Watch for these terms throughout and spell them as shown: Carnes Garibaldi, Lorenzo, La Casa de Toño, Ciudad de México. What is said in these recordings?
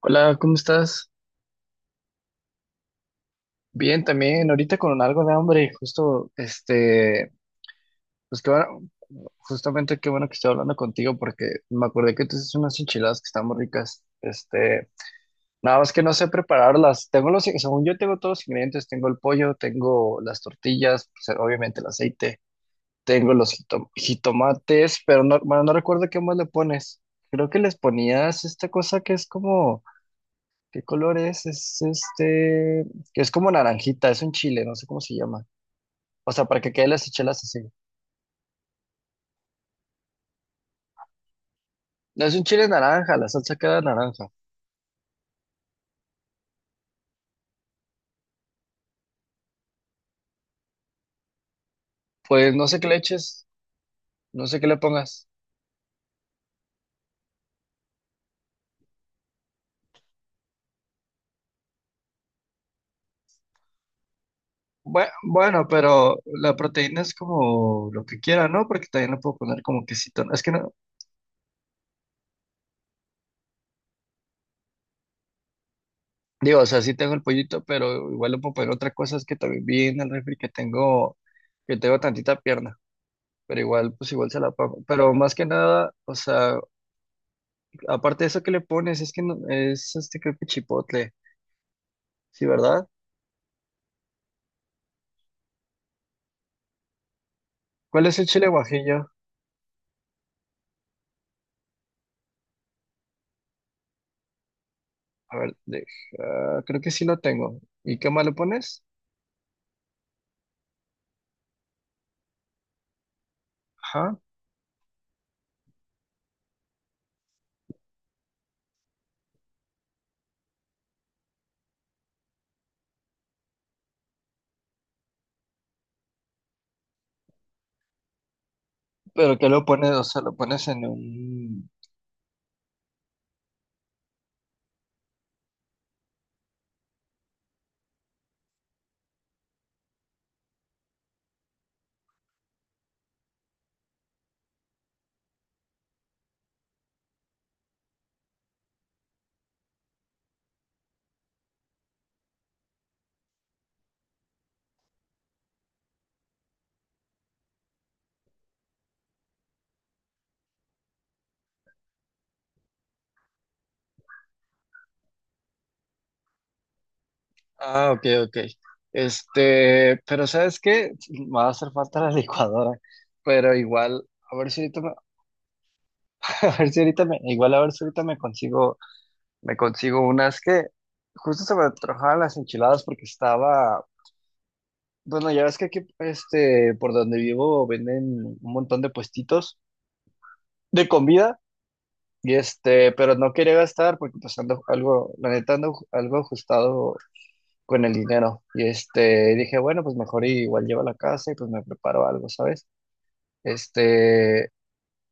Hola, ¿cómo estás? Bien, también, ahorita con algo de hambre, justo, pues que bueno, justamente qué bueno que estoy hablando contigo porque me acordé que tú haces unas enchiladas que están muy ricas, nada más que no sé prepararlas, tengo los, según yo tengo todos los ingredientes, tengo el pollo, tengo las tortillas, pues, obviamente el aceite, tengo los jitomates, pero no, bueno, no recuerdo qué más le pones, creo que les ponías esta cosa que es como... ¿Qué color es? Es que es como naranjita, es un chile, no sé cómo se llama. O sea, para que quede las chelas así. No es un chile naranja, la salsa queda naranja. Pues no sé qué le eches, no sé qué le pongas. Bueno, pero la proteína es como lo que quiera, ¿no? Porque también le puedo poner como quesito, ¿no? Es que no, digo, o sea, sí tengo el pollito, pero igual le puedo poner otra cosa, es que también vi en el refri que tengo tantita pierna, pero igual, pues igual se la pongo. Pero más que nada, o sea, aparte de eso que le pones, es que es este creo que chipotle, sí, ¿verdad? ¿Cuál es el chile guajillo? A ver, creo que sí lo tengo. ¿Y qué más le pones? Ajá. ¿Pero qué lo pones? O sea, lo pones en un... Ah, ok, ok. Pero ¿sabes qué? Me va a hacer falta la licuadora, pero igual, a ver si ahorita me, a ver si ahorita me, igual a ver si ahorita me consigo unas que justo se me antojaban las enchiladas porque estaba... Bueno, ya ves que aquí, por donde vivo venden un montón de puestitos de comida, y pero no quería gastar porque pues ando algo, la neta ando algo ajustado con el dinero. Y dije, bueno, pues mejor igual llevo a la casa y pues me preparo algo, ¿sabes? Este,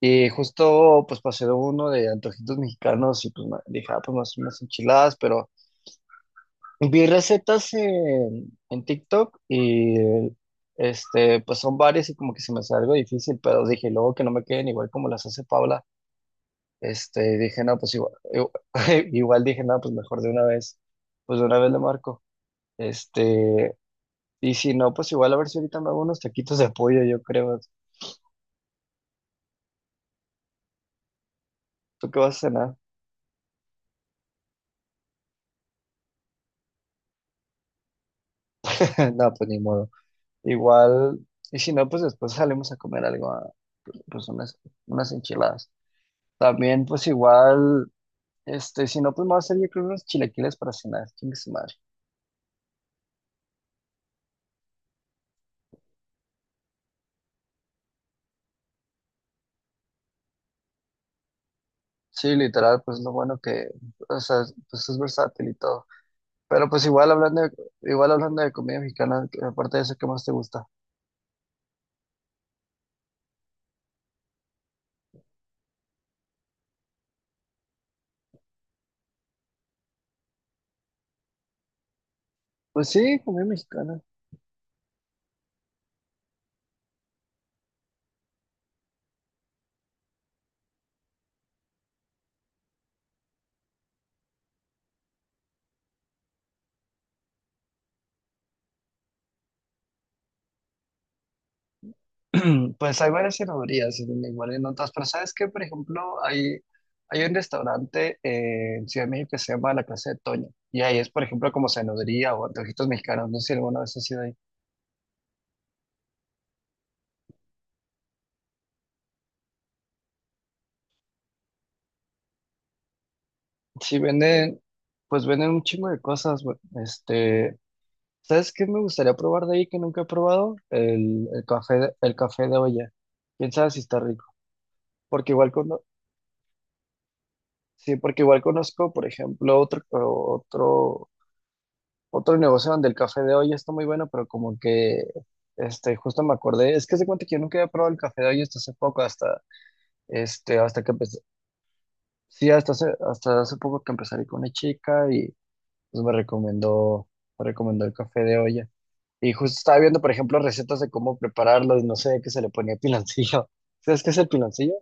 y justo pues pasé de uno de antojitos mexicanos y pues dije, ah, pues más unas enchiladas, pero vi recetas en TikTok y pues son varias y como que se me hace algo difícil, pero dije luego que no me queden igual como las hace Paula. Dije, no, pues igual, igual dije, no, pues mejor de una vez, pues de una vez le marco. Este, y si no, pues igual a ver si ahorita me hago unos taquitos de pollo, yo creo. ¿Tú qué vas a cenar? No, pues ni modo. Igual, y si no, pues después salimos a comer algo, ah, pues unas, unas enchiladas. También, pues igual. Si no, pues me va a hacer yo creo unos chilaquiles para cenar, chingue su madre. Sí, literal, pues lo bueno que, o sea, pues es versátil y todo. Pero pues igual hablando de comida mexicana, que aparte de eso, ¿qué más te gusta? Pues sí, comida mexicana. Pues hay varias cenadurías, igual en otras, pero ¿sabes qué? Por ejemplo, hay un restaurante en Ciudad de México que se llama La Casa de Toño, y ahí es, por ejemplo, como cenaduría o antojitos mexicanos, no sé si alguna vez has ido ahí. Sí venden, pues venden un chingo de cosas, güey, este... ¿Sabes qué me gustaría probar de ahí que nunca he probado? El café de olla. ¿Quién sabe si está rico? Porque igual sí, porque igual conozco, por ejemplo, otro, otro, otro negocio donde el café de olla está muy bueno, pero como que justo me acordé, es que se cuenta que yo nunca había probado el café de olla hasta hace poco, hasta hasta que empecé, sí, hasta hace poco que empecé a salir con una chica y pues me recomendó el café de olla. Y justo estaba viendo, por ejemplo, recetas de cómo prepararlo y no sé qué se le ponía piloncillo. ¿Sabes qué es el piloncillo?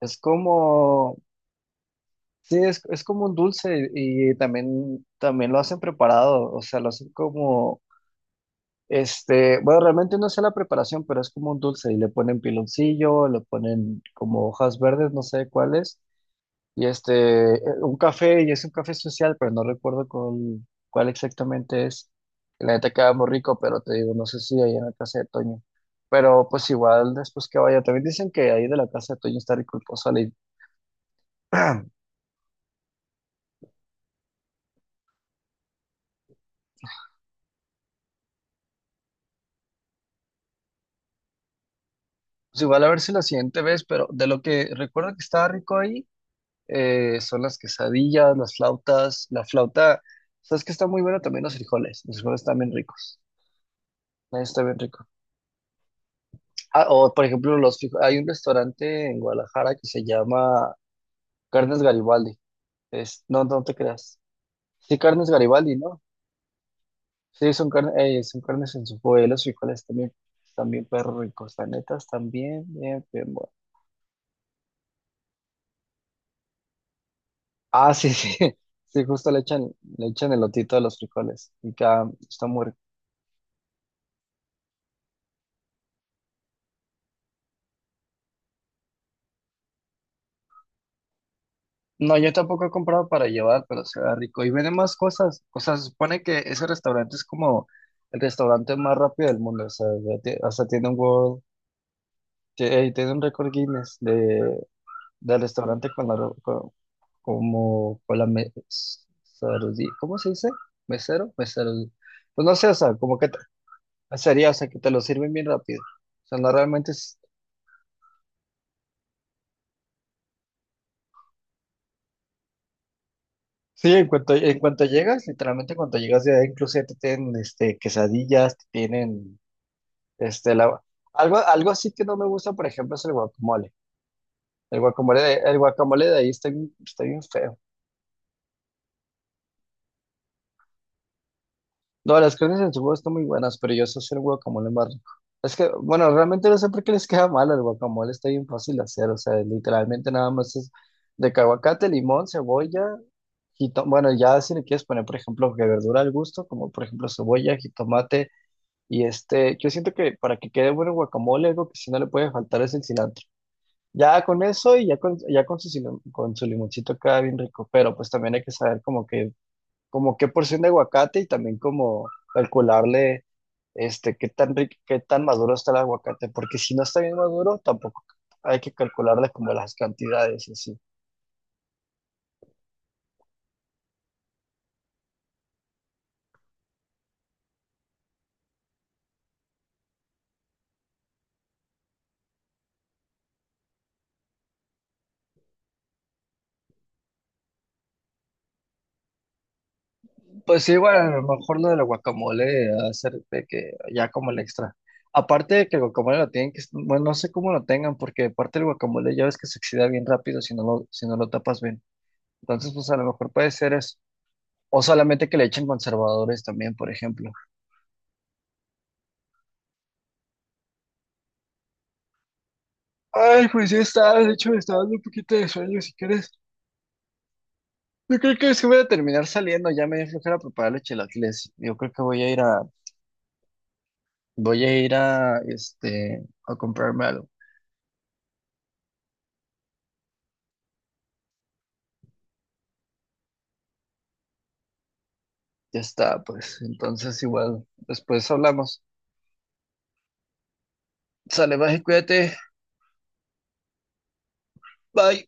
Es como, sí, es como un dulce y también, también lo hacen preparado, o sea, lo hacen como, bueno, realmente no sé la preparación, pero es como un dulce y le ponen piloncillo, le ponen como hojas verdes, no sé cuáles, y un café, y es un café social, pero no recuerdo cuál, cuál exactamente es. La neta queda muy rico, pero te digo, no sé si ahí en la Casa de Toño. Pero pues igual después que vaya, también dicen que ahí de la Casa de Toño está rico el pozole. Pues igual a ver si la siguiente vez, pero de lo que recuerdo que estaba rico ahí, son las quesadillas, las flautas, la flauta, sabes que está muy bueno también los frijoles están bien ricos, ahí está bien rico. Ah, o por ejemplo, los frijos. Hay un restaurante en Guadalajara que se llama Carnes Garibaldi. Es, no, no te creas. Sí, Carnes Garibaldi, ¿no? Sí, son, son carnes en su y los frijoles también, también perro ricos, la neta, están bien, bien, bien buenos. Ah, sí, sí, sí, justo le echan elotito a los frijoles y está muy rico. No, yo tampoco he comprado para llevar, pero se ve rico. Y venden más cosas, o sea, se supone que ese restaurante es como el restaurante más rápido del mundo, o sea, ya hasta tiene un World... Sí, tiene un récord Guinness de, del restaurante con la, como, con la ¿cómo se dice? ¿Mesero? Mesero. Pues no sé, o sea, como que sería, o sea, que te lo sirven bien rápido. O sea, no realmente es... Sí, en cuanto llegas, literalmente cuando llegas ya inclusive te tienen quesadillas, te tienen este, la, algo, algo así que no me gusta, por ejemplo, es el guacamole. El guacamole de ahí está bien feo. No, las carnes en su jugo están muy buenas, pero yo sé hacer guacamole más rico. Es que, bueno, realmente no sé por qué les queda mal el guacamole, está bien fácil de hacer, o sea, literalmente nada más es de que aguacate, limón, cebolla, bueno, ya si le quieres poner, por ejemplo, que verdura al gusto, como por ejemplo cebolla, jitomate, y yo siento que para que quede bueno el guacamole, algo que si no le puede faltar es el cilantro. Ya con eso y ya con su, con su limoncito queda bien rico, pero pues también hay que saber como que como qué porción de aguacate y también como calcularle qué tan rico, qué tan maduro está el aguacate, porque si no está bien maduro, tampoco hay que calcularle como las cantidades y así. Pues sí, bueno, a lo mejor lo del guacamole, hacer de que ya como el extra. Aparte de que el guacamole lo tienen que, bueno, no sé cómo lo tengan, porque aparte el guacamole ya ves que se oxida bien rápido si no lo, si no lo tapas bien. Entonces, pues a lo mejor puede ser eso. O solamente que le echen conservadores también, por ejemplo. Ay, pues ya está, de hecho me está dando un poquito de sueño, si quieres. Yo creo que sí voy a terminar saliendo, ya me dio flojera prepararle chilaquiles. Yo creo que voy a ir a, voy a ir a, a comprarme algo. Ya está, pues, entonces igual, después hablamos. Sale, baje, cuídate, bye.